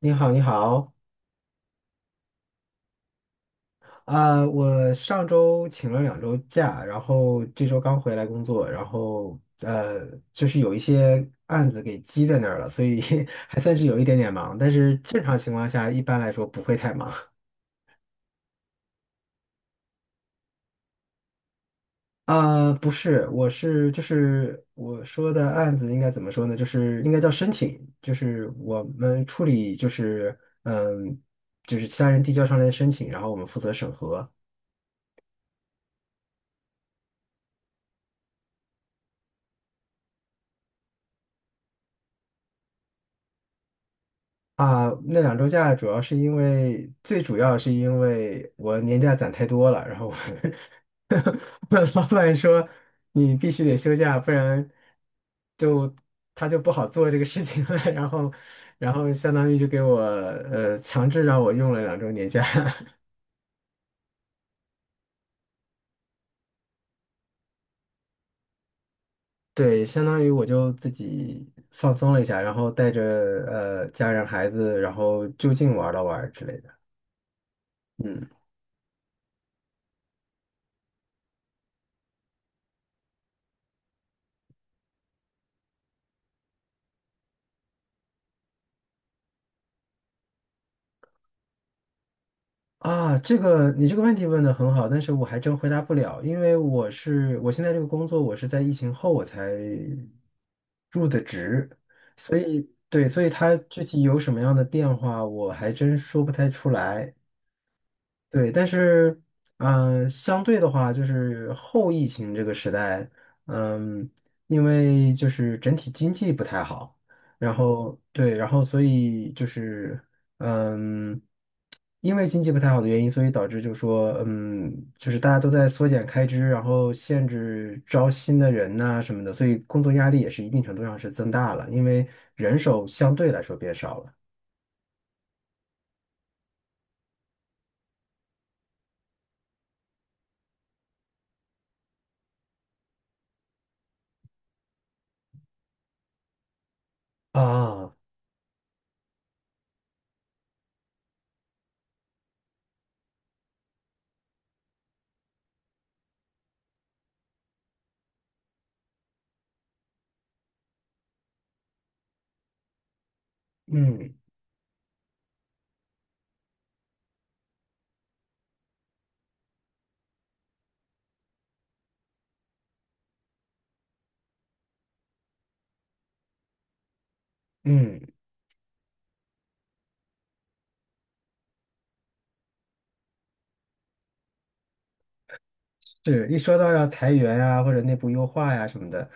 你好，你好。我上周请了两周假，然后这周刚回来工作，就是有一些案子给积在那儿了，所以 还算是有一点点忙，但是正常情况下一般来说不会太忙。不是，就是我说的案子应该怎么说呢？就是应该叫申请，就是我们处理嗯，就是其他人递交上来的申请，然后我们负责审核。啊，那两周假主要是因为，最主要是因为我年假攒太多了，然后我 我老板说你必须得休假，不然就他就不好做这个事情了。然后，然后相当于就给我强制让我用了两周年假。对，相当于我就自己放松了一下，然后带着家人孩子，然后就近玩了玩之类的。嗯。啊，这个你这个问题问的很好，但是我还真回答不了，因为我现在这个工作，我是在疫情后我才入的职。对，所以它具体有什么样的变化，我还真说不太出来。对，但是，相对的话，就是后疫情这个时代。嗯，因为就是整体经济不太好，然后对，然后所以就是，嗯，因为经济不太好的原因，所以导致就说，嗯，就是大家都在缩减开支，然后限制招新的人呐、什么的，所以工作压力也是一定程度上是增大了，因为人手相对来说变少了。啊，嗯嗯。是一说到要裁员啊，或者内部优化呀、什么的，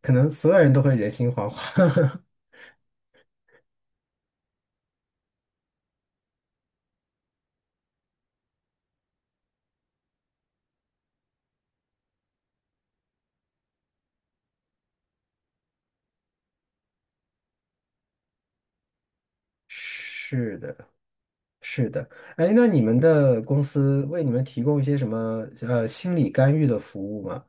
可能所有人都会人心惶惶。是的，是的。哎，那你们的公司为你们提供一些什么心理干预的服务吗？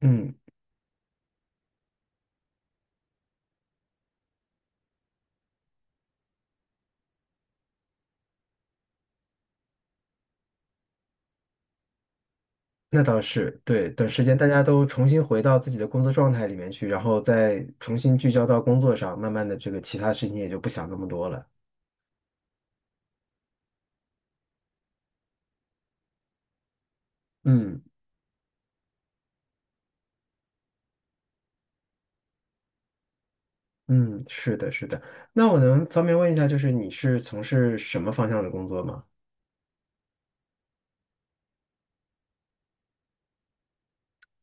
嗯，那倒是，对。等时间大家都重新回到自己的工作状态里面去，然后再重新聚焦到工作上，慢慢的这个其他事情也就不想那么多了。嗯嗯，是的，是的。那我能方便问一下，就是你是从事什么方向的工作吗？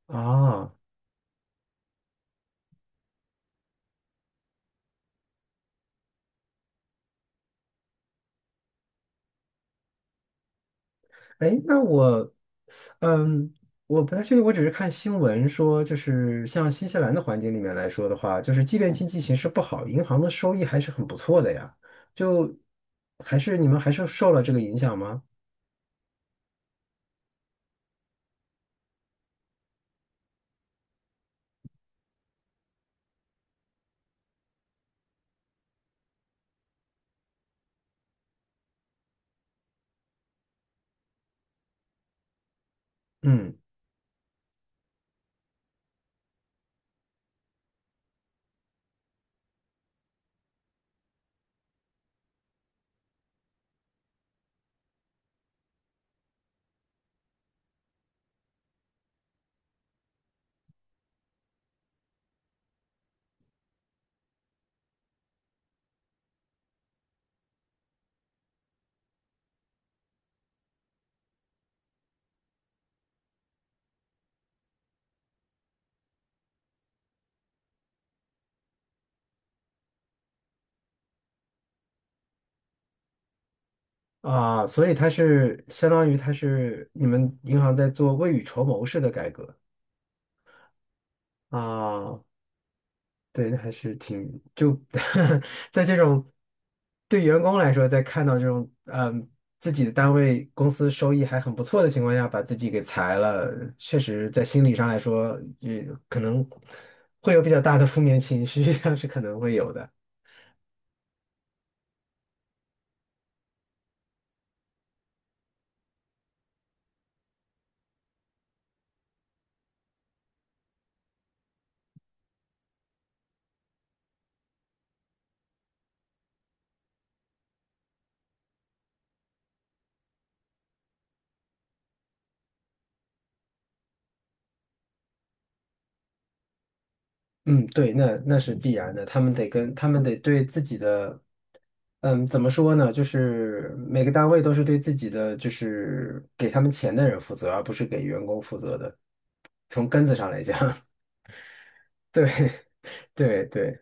啊。哎，那我，嗯，我不太确定，我只是看新闻说，就是像新西兰的环境里面来说的话，就是即便经济形势不好，银行的收益还是很不错的呀。就还是你们还是受了这个影响吗？嗯，啊，所以它是相当于它是你们银行在做未雨绸缪式的改革啊。对，那还是挺就 在这种对员工来说，在看到这种自己的单位公司收益还很不错的情况下，把自己给裁了，确实在心理上来说，也可能会有比较大的负面情绪，但是可能会有的。嗯，对，那那是必然的，他们得对自己的，嗯，怎么说呢？就是每个单位都是对自己的，就是给他们钱的人负责，而不是给员工负责的。从根子上来讲，对对对。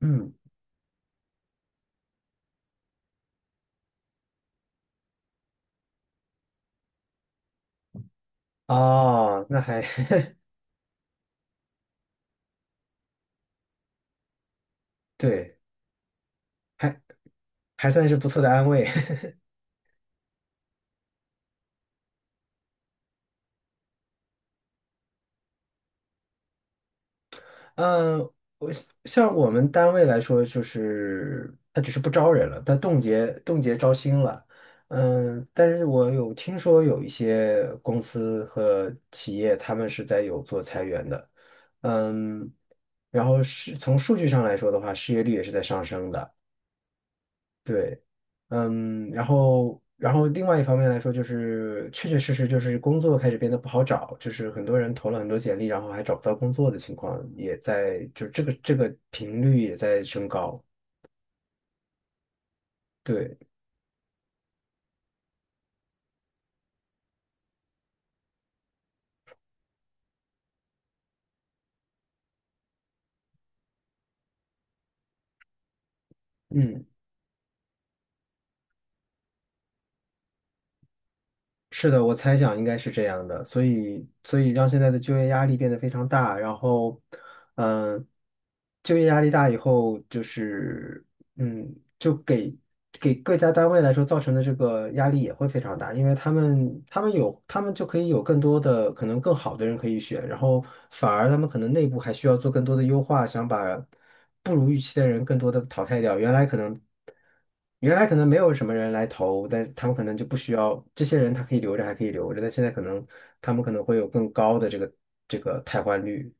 嗯，哦，那还 对，还还算是不错的安慰。嗯，像我们单位来说，就是他只是不招人了，他冻结招新了。嗯，但是我有听说有一些公司和企业，他们是在有做裁员的。嗯，然后是从数据上来说的话，失业率也是在上升的。对，嗯，然后，然后另外一方面来说，就是确确实实就是工作开始变得不好找，就是很多人投了很多简历，然后还找不到工作的情况也在，就这个这个频率也在升高。对，嗯，是的，我猜想应该是这样的，所以，所以让现在的就业压力变得非常大，然后，嗯，就业压力大以后，就是嗯，给各家单位来说造成的这个压力也会非常大，因为他们就可以有更多的可能更好的人可以选，然后反而他们可能内部还需要做更多的优化，想把不如预期的人更多的淘汰掉。原来可能没有什么人来投，但他们可能就不需要这些人，他可以留着还可以留着，但现在可能他们可能会有更高的这个汰换率。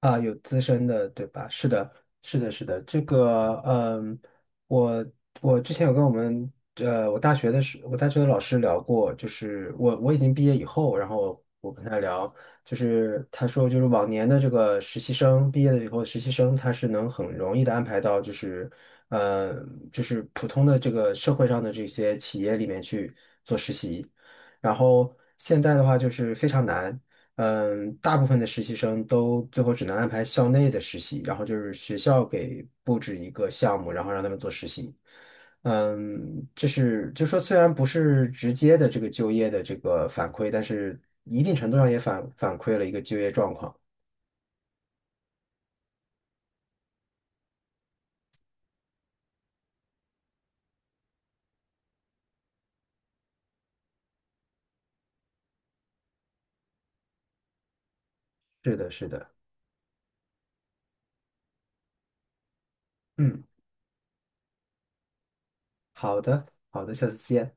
啊，有资深的，对吧？是的，是的，是的。这个，嗯，我我之前有跟我们，呃，我大学的老师聊过，就是我已经毕业以后，然后我跟他聊。就是他说，就是往年的这个实习生毕业了以后，实习生他是能很容易的安排到，就是，嗯，就是普通的这个社会上的这些企业里面去。然后现在的话就是非常难。嗯，大部分的实习生都最后只能安排校内的实习，然后就是学校给布置一个项目，然后让他们做实习。嗯，这是就说虽然不是直接的这个就业的这个反馈，但是一定程度上也反馈了一个就业状况。是的，是的。嗯，好的，好的，下次见。